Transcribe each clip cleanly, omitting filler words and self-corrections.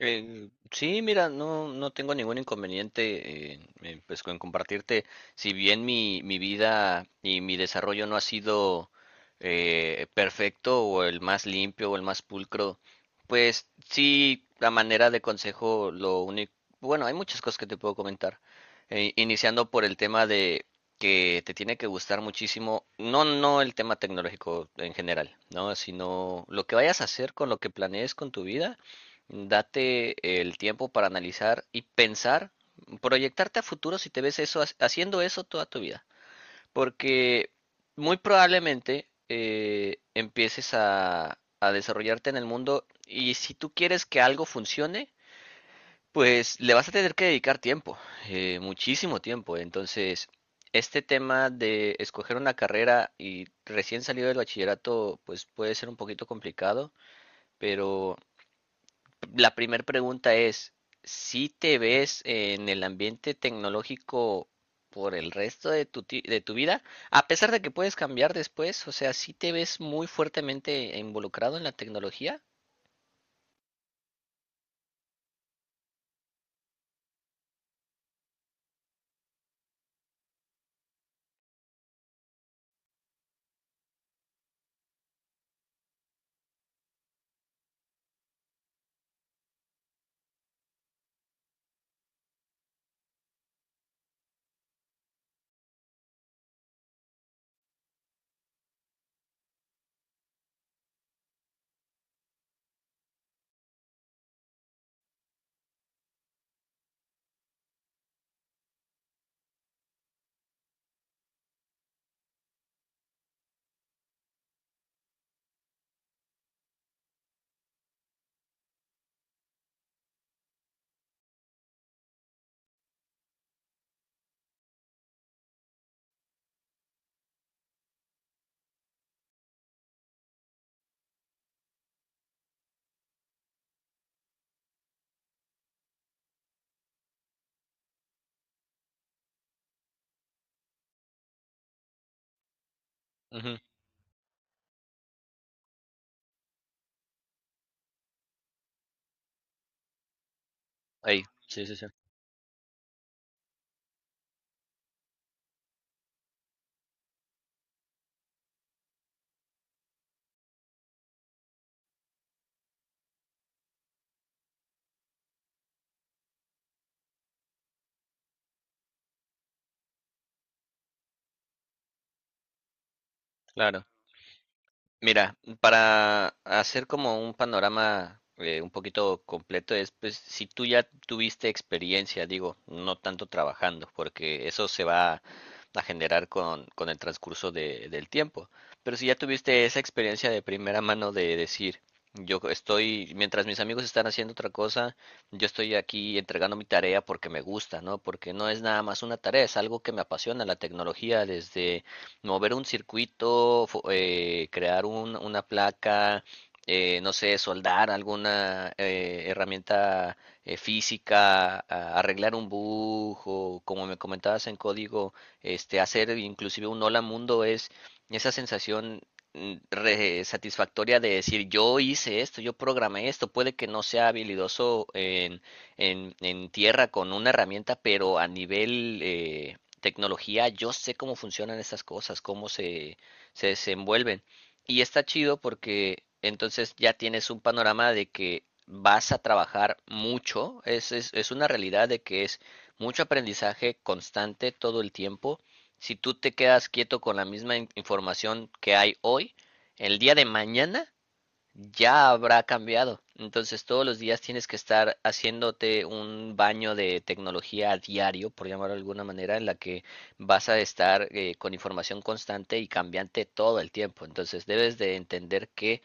Sí, mira, no tengo ningún inconveniente pues, con compartirte. Si bien mi vida y mi desarrollo no ha sido perfecto o el más limpio o el más pulcro, pues sí, la manera de consejo, lo único, bueno, hay muchas cosas que te puedo comentar. Iniciando por el tema de que te tiene que gustar muchísimo, no, no el tema tecnológico en general, ¿no? Sino lo que vayas a hacer con lo que planees con tu vida. Date el tiempo para analizar y pensar, proyectarte a futuro si te ves eso, haciendo eso toda tu vida. Porque muy probablemente empieces a desarrollarte en el mundo y si tú quieres que algo funcione, pues le vas a tener que dedicar tiempo, muchísimo tiempo. Entonces, este tema de escoger una carrera y recién salido del bachillerato, pues puede ser un poquito complicado, pero la primera pregunta es, ¿si te ves en el ambiente tecnológico por el resto de de tu vida? A pesar de que puedes cambiar después, o sea, ¿si te ves muy fuertemente involucrado en la tecnología? Ujú, ahí, sí, sí, sí, claro. Mira, para hacer como un panorama un poquito completo es, pues, si tú ya tuviste experiencia, digo, no tanto trabajando, porque eso se va a generar con el transcurso del tiempo, pero si ya tuviste esa experiencia de primera mano de decir, yo estoy, mientras mis amigos están haciendo otra cosa, yo estoy aquí entregando mi tarea porque me gusta, ¿no? Porque no es nada más una tarea, es algo que me apasiona, la tecnología desde mover un circuito, crear una placa, no sé, soldar alguna herramienta física, arreglar un bug o como me comentabas en código, este, hacer inclusive un hola mundo es esa sensación satisfactoria de decir yo hice esto, yo programé esto, puede que no sea habilidoso en tierra con una herramienta, pero a nivel tecnología, yo sé cómo funcionan estas cosas, se desenvuelven. Y está chido porque entonces ya tienes un panorama de que vas a trabajar mucho, es una realidad de que es mucho aprendizaje constante todo el tiempo. Si tú te quedas quieto con la misma información que hay hoy, el día de mañana ya habrá cambiado. Entonces todos los días tienes que estar haciéndote un baño de tecnología a diario, por llamarlo de alguna manera, en la que vas a estar con información constante y cambiante todo el tiempo. Entonces debes de entender que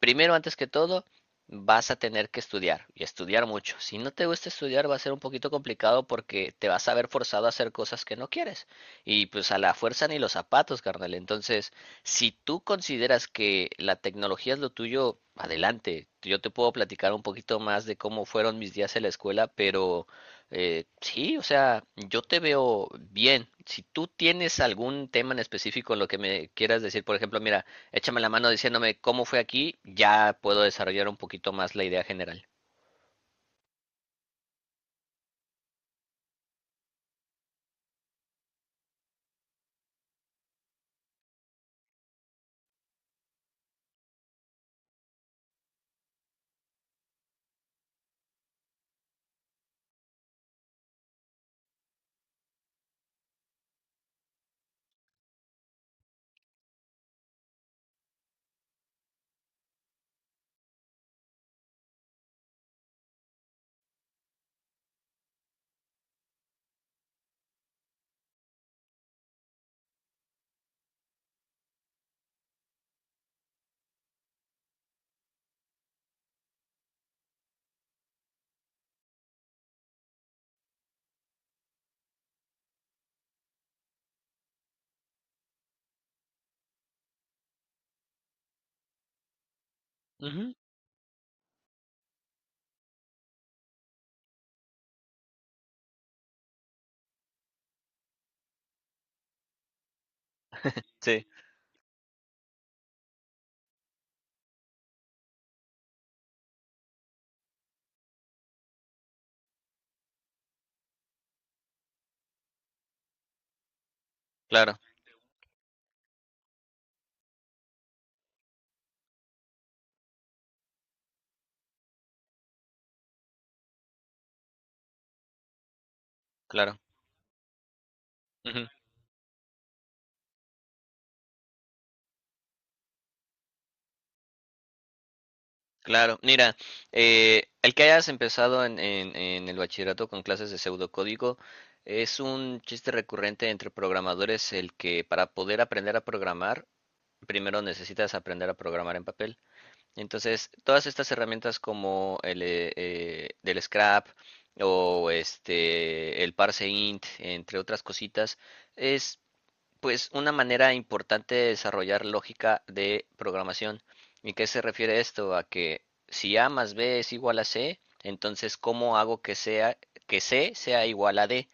primero, antes que todo, vas a tener que estudiar y estudiar mucho. Si no te gusta estudiar, va a ser un poquito complicado porque te vas a ver forzado a hacer cosas que no quieres. Y pues a la fuerza ni los zapatos, carnal. Entonces, si tú consideras que la tecnología es lo tuyo, adelante. Yo te puedo platicar un poquito más de cómo fueron mis días en la escuela, pero sí, o sea, yo te veo bien. Si tú tienes algún tema en específico en lo que me quieras decir, por ejemplo, mira, échame la mano diciéndome cómo fue aquí, ya puedo desarrollar un poquito más la idea general. Ujú, sí, claro, claro. Ujú, claro, mira, el que hayas empezado en el bachillerato con clases de pseudocódigo es un chiste recurrente entre programadores el que para poder aprender a programar, primero necesitas aprender a programar en papel. Entonces, todas estas herramientas como el del scrap o este el parse int, entre otras cositas, es pues una manera importante de desarrollar lógica de programación. ¿Y qué se refiere esto? A que si A más B es igual a C, entonces ¿cómo hago que sea que C sea igual a D?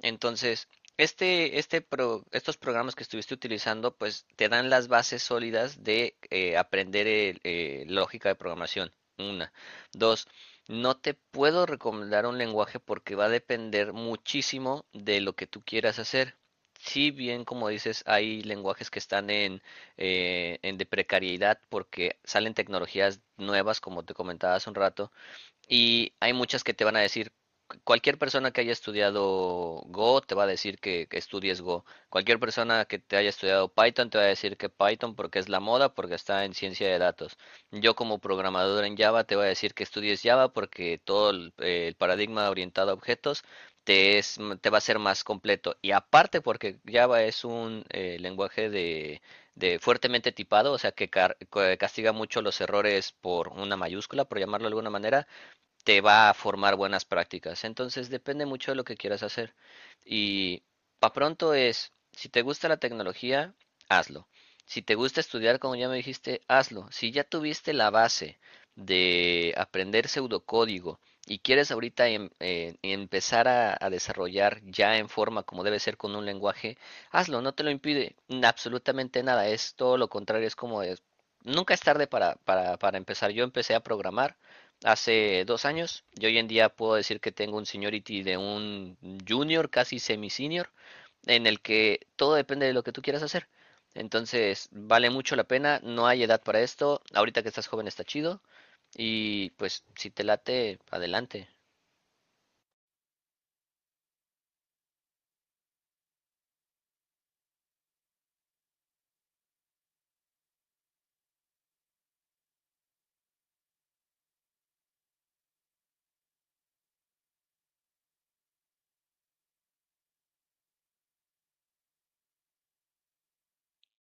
Entonces, estos programas que estuviste utilizando, pues te dan las bases sólidas de aprender lógica de programación. Una. Dos, no te puedo recomendar un lenguaje porque va a depender muchísimo de lo que tú quieras hacer. Si bien, como dices, hay lenguajes que están en de precariedad porque salen tecnologías nuevas, como te comentaba hace un rato, y hay muchas que te van a decir, cualquier persona que haya estudiado Go te va a decir que estudies Go. Cualquier persona que te haya estudiado Python te va a decir que Python porque es la moda, porque está en ciencia de datos. Yo como programador en Java te voy a decir que estudies Java porque todo el paradigma orientado a objetos te va a ser más completo. Y aparte porque Java es un lenguaje de fuertemente tipado, o sea que que castiga mucho los errores por una mayúscula, por llamarlo de alguna manera, te va a formar buenas prácticas. Entonces depende mucho de lo que quieras hacer. Y pa' pronto es, si te gusta la tecnología, hazlo. Si te gusta estudiar, como ya me dijiste, hazlo. Si ya tuviste la base de aprender pseudocódigo y quieres ahorita empezar a desarrollar ya en forma como debe ser con un lenguaje, hazlo, no te lo impide absolutamente nada. Es todo lo contrario, es como es, nunca es tarde para empezar. Yo empecé a programar hace 2 años y hoy en día puedo decir que tengo un seniority de un junior, casi semi-senior, en el que todo depende de lo que tú quieras hacer. Entonces, vale mucho la pena, no hay edad para esto, ahorita que estás joven está chido y pues si te late, adelante.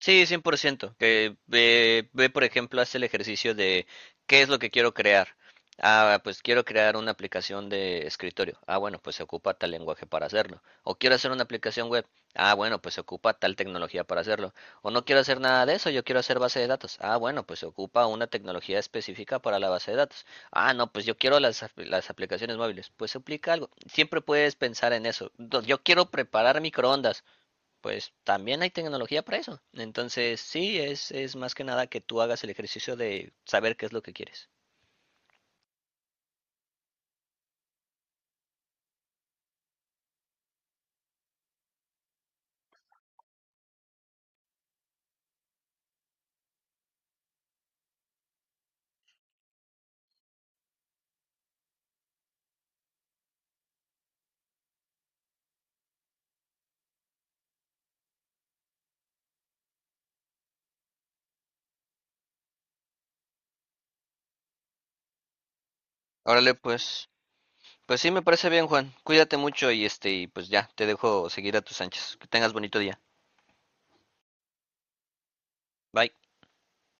Sí, 100%. Que ve, ve, por ejemplo, hace el ejercicio de qué es lo que quiero crear. Ah, pues quiero crear una aplicación de escritorio. Ah, bueno, pues se ocupa tal lenguaje para hacerlo. O quiero hacer una aplicación web. Ah, bueno, pues se ocupa tal tecnología para hacerlo. O no quiero hacer nada de eso, yo quiero hacer base de datos. Ah, bueno, pues se ocupa una tecnología específica para la base de datos. Ah, no, pues yo quiero las aplicaciones móviles. Pues se aplica algo. Siempre puedes pensar en eso. Yo quiero preparar microondas, pues también hay tecnología para eso. Entonces, sí, es más que nada que tú hagas el ejercicio de saber qué es lo que quieres. Órale, pues, pues sí, me parece bien, Juan. Cuídate mucho y este, y pues ya, te dejo seguir a tus anchas. Que tengas bonito día. Bye.